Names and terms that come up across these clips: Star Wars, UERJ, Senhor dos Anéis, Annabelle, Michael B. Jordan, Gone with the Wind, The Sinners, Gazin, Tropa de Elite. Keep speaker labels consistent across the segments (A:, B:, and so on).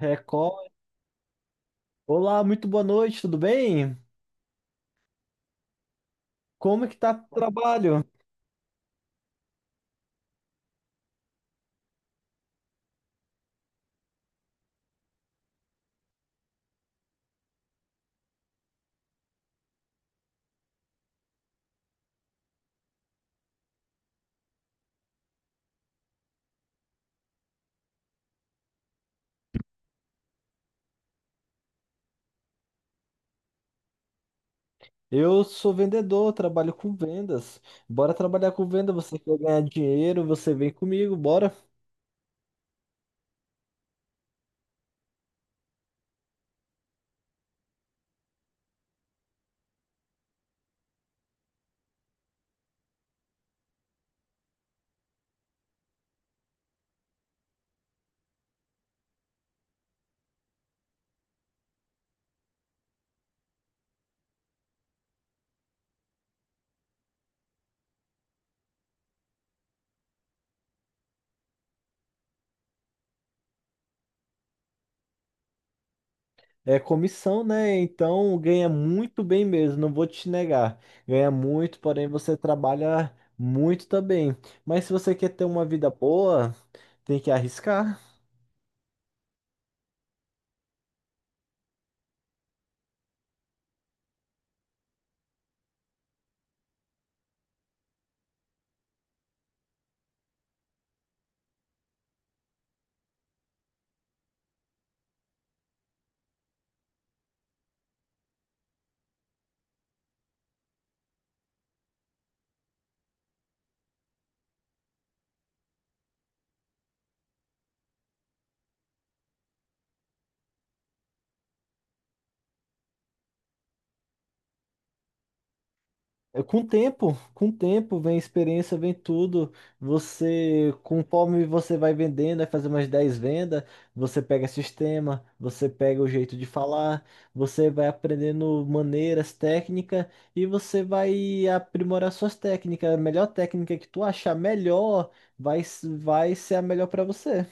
A: Record. Olá, muito boa noite, tudo bem? Como é que tá o trabalho? Eu sou vendedor, trabalho com vendas. Bora trabalhar com venda, você quer ganhar dinheiro, você vem comigo, bora. É comissão, né? Então ganha muito bem mesmo, não vou te negar. Ganha muito, porém você trabalha muito também. Mas se você quer ter uma vida boa, tem que arriscar. É, com o tempo, com o tempo, vem experiência, vem tudo. Você, conforme você vai vendendo, vai fazer umas 10 vendas, você pega sistema, você pega o jeito de falar, você vai aprendendo maneiras, técnica, e você vai aprimorar suas técnicas. A melhor técnica que tu achar melhor vai ser a melhor para você.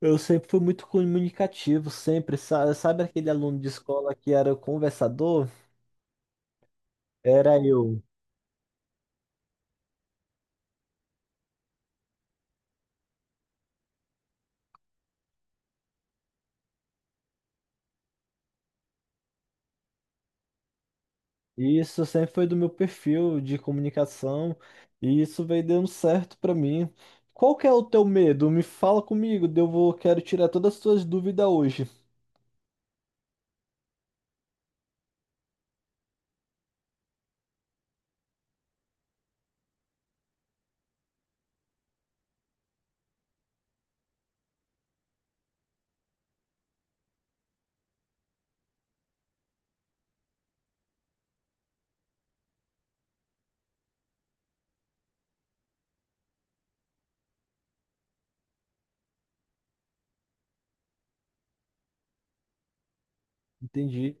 A: Eu sempre fui muito comunicativo, sempre. Sabe aquele aluno de escola que era o conversador? Era eu. E isso sempre foi do meu perfil de comunicação e isso veio dando certo pra mim. Qual que é o teu medo? Me fala comigo, eu vou, quero tirar todas as tuas dúvidas hoje. Entendi.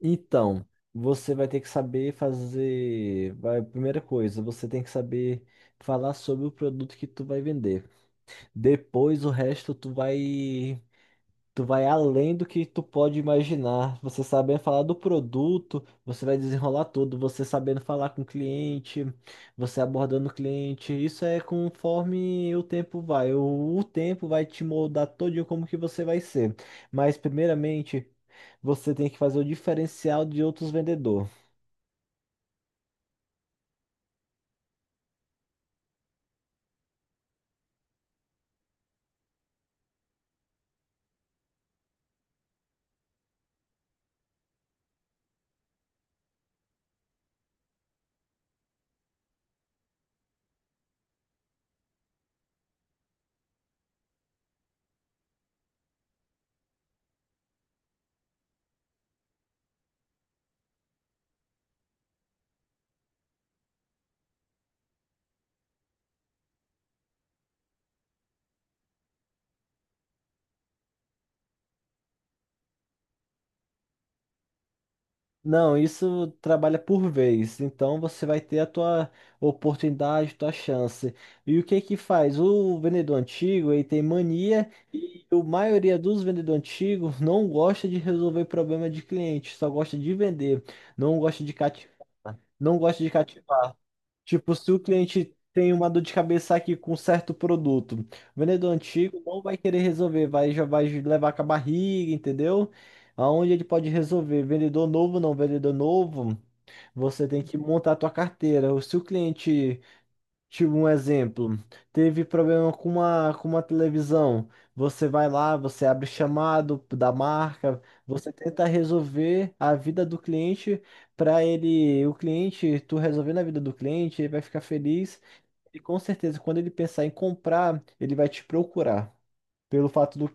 A: Então, você vai ter que saber fazer, vai, primeira coisa, você tem que saber falar sobre o produto que tu vai vender. Depois o resto tu vai. Tu vai além do que tu pode imaginar. Você sabendo falar do produto, você vai desenrolar tudo. Você sabendo falar com o cliente, você abordando o cliente. Isso é conforme o tempo vai. O tempo vai te moldar todinho como que você vai ser. Mas primeiramente, você tem que fazer o diferencial de outros vendedores. Não, isso trabalha por vez. Então você vai ter a tua oportunidade, tua chance. E o que que faz? O vendedor antigo, ele tem mania, e a maioria dos vendedores antigos não gosta de resolver problema de cliente, só gosta de vender, não gosta de cativar, não gosta de cativar. Tipo, se o cliente tem uma dor de cabeça aqui com um certo produto, o vendedor antigo não vai querer resolver, vai, já vai levar com a barriga, entendeu? Aonde ele pode resolver? Vendedor novo, não, vendedor novo, você tem que montar a tua carteira. Se o cliente, tipo, um exemplo, teve problema com uma televisão. Você vai lá, você abre chamado da marca, você tenta resolver a vida do cliente para ele, o cliente, tu resolvendo a vida do cliente, ele vai ficar feliz e com certeza quando ele pensar em comprar, ele vai te procurar pelo fato do.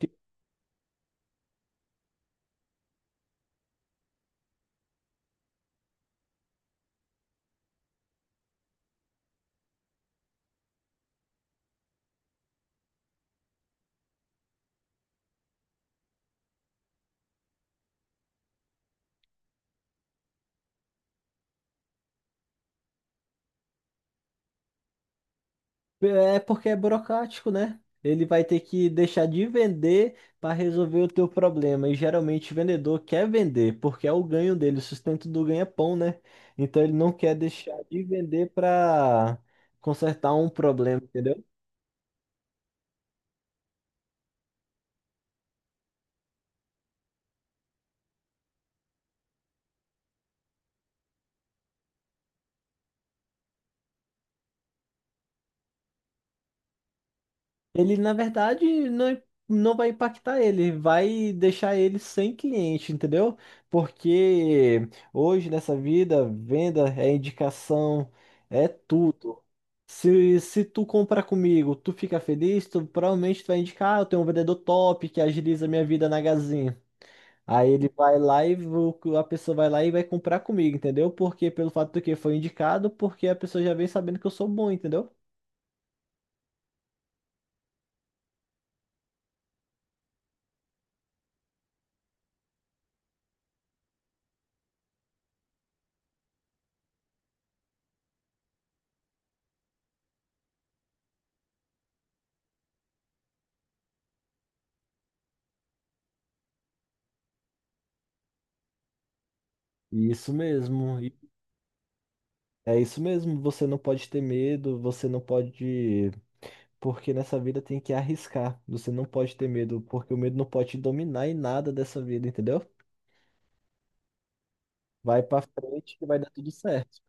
A: É porque é burocrático, né? Ele vai ter que deixar de vender para resolver o teu problema. E geralmente o vendedor quer vender, porque é o ganho dele, o sustento do ganha-pão, né? Então ele não quer deixar de vender para consertar um problema, entendeu? Ele, na verdade, não, não vai impactar ele, vai deixar ele sem cliente, entendeu? Porque hoje nessa vida, venda é indicação, é tudo. Se tu comprar comigo, tu fica feliz, tu provavelmente tu vai indicar, "Ah, eu tenho um vendedor top que agiliza minha vida na Gazin." Aí ele vai lá e a pessoa vai lá e vai comprar comigo, entendeu? Porque pelo fato do que foi indicado, porque a pessoa já vem sabendo que eu sou bom, entendeu? Isso mesmo. É isso mesmo, você não pode ter medo, você não pode. Porque nessa vida tem que arriscar. Você não pode ter medo, porque o medo não pode te dominar em nada dessa vida, entendeu? Vai pra frente que vai dar tudo certo.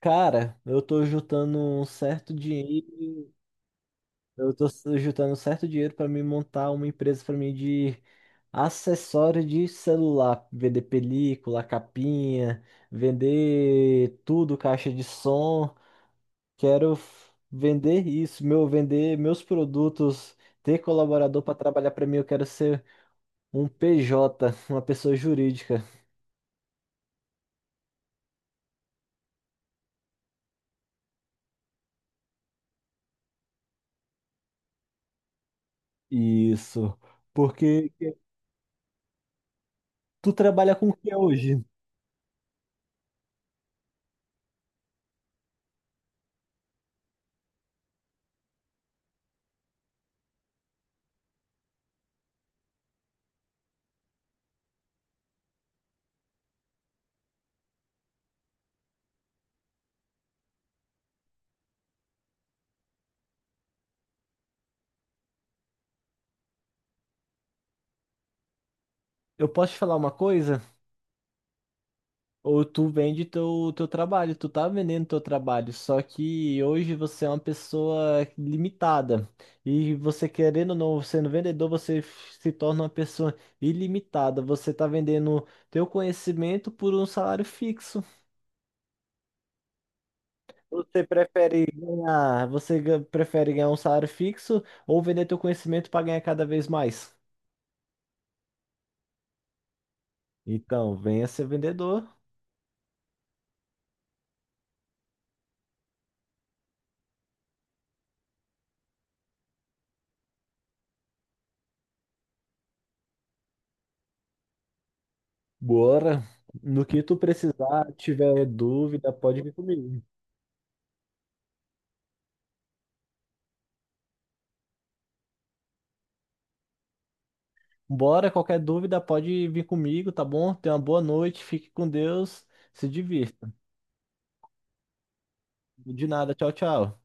A: Cara, eu tô juntando um certo dinheiro, eu tô juntando um certo dinheiro pra me montar uma empresa pra mim de acessório de celular, vender película, capinha, vender tudo, caixa de som. Quero vender isso, meu, vender meus produtos, ter colaborador para trabalhar para mim. Eu quero ser um PJ, uma pessoa jurídica. Isso. Porque tu trabalha com o que hoje? Eu posso te falar uma coisa? Ou tu vende teu, teu trabalho, tu tá vendendo teu trabalho, só que hoje você é uma pessoa limitada. E você querendo ou não, sendo vendedor, você se torna uma pessoa ilimitada. Você tá vendendo teu conhecimento por um salário fixo. Você prefere ganhar, você prefere ganhar um salário fixo ou vender teu conhecimento para ganhar cada vez mais? Então, venha ser vendedor. Bora. No que tu precisar, tiver dúvida, pode vir comigo. Bora, qualquer dúvida pode vir comigo, tá bom? Tenha uma boa noite, fique com Deus, se divirta. De nada, tchau, tchau.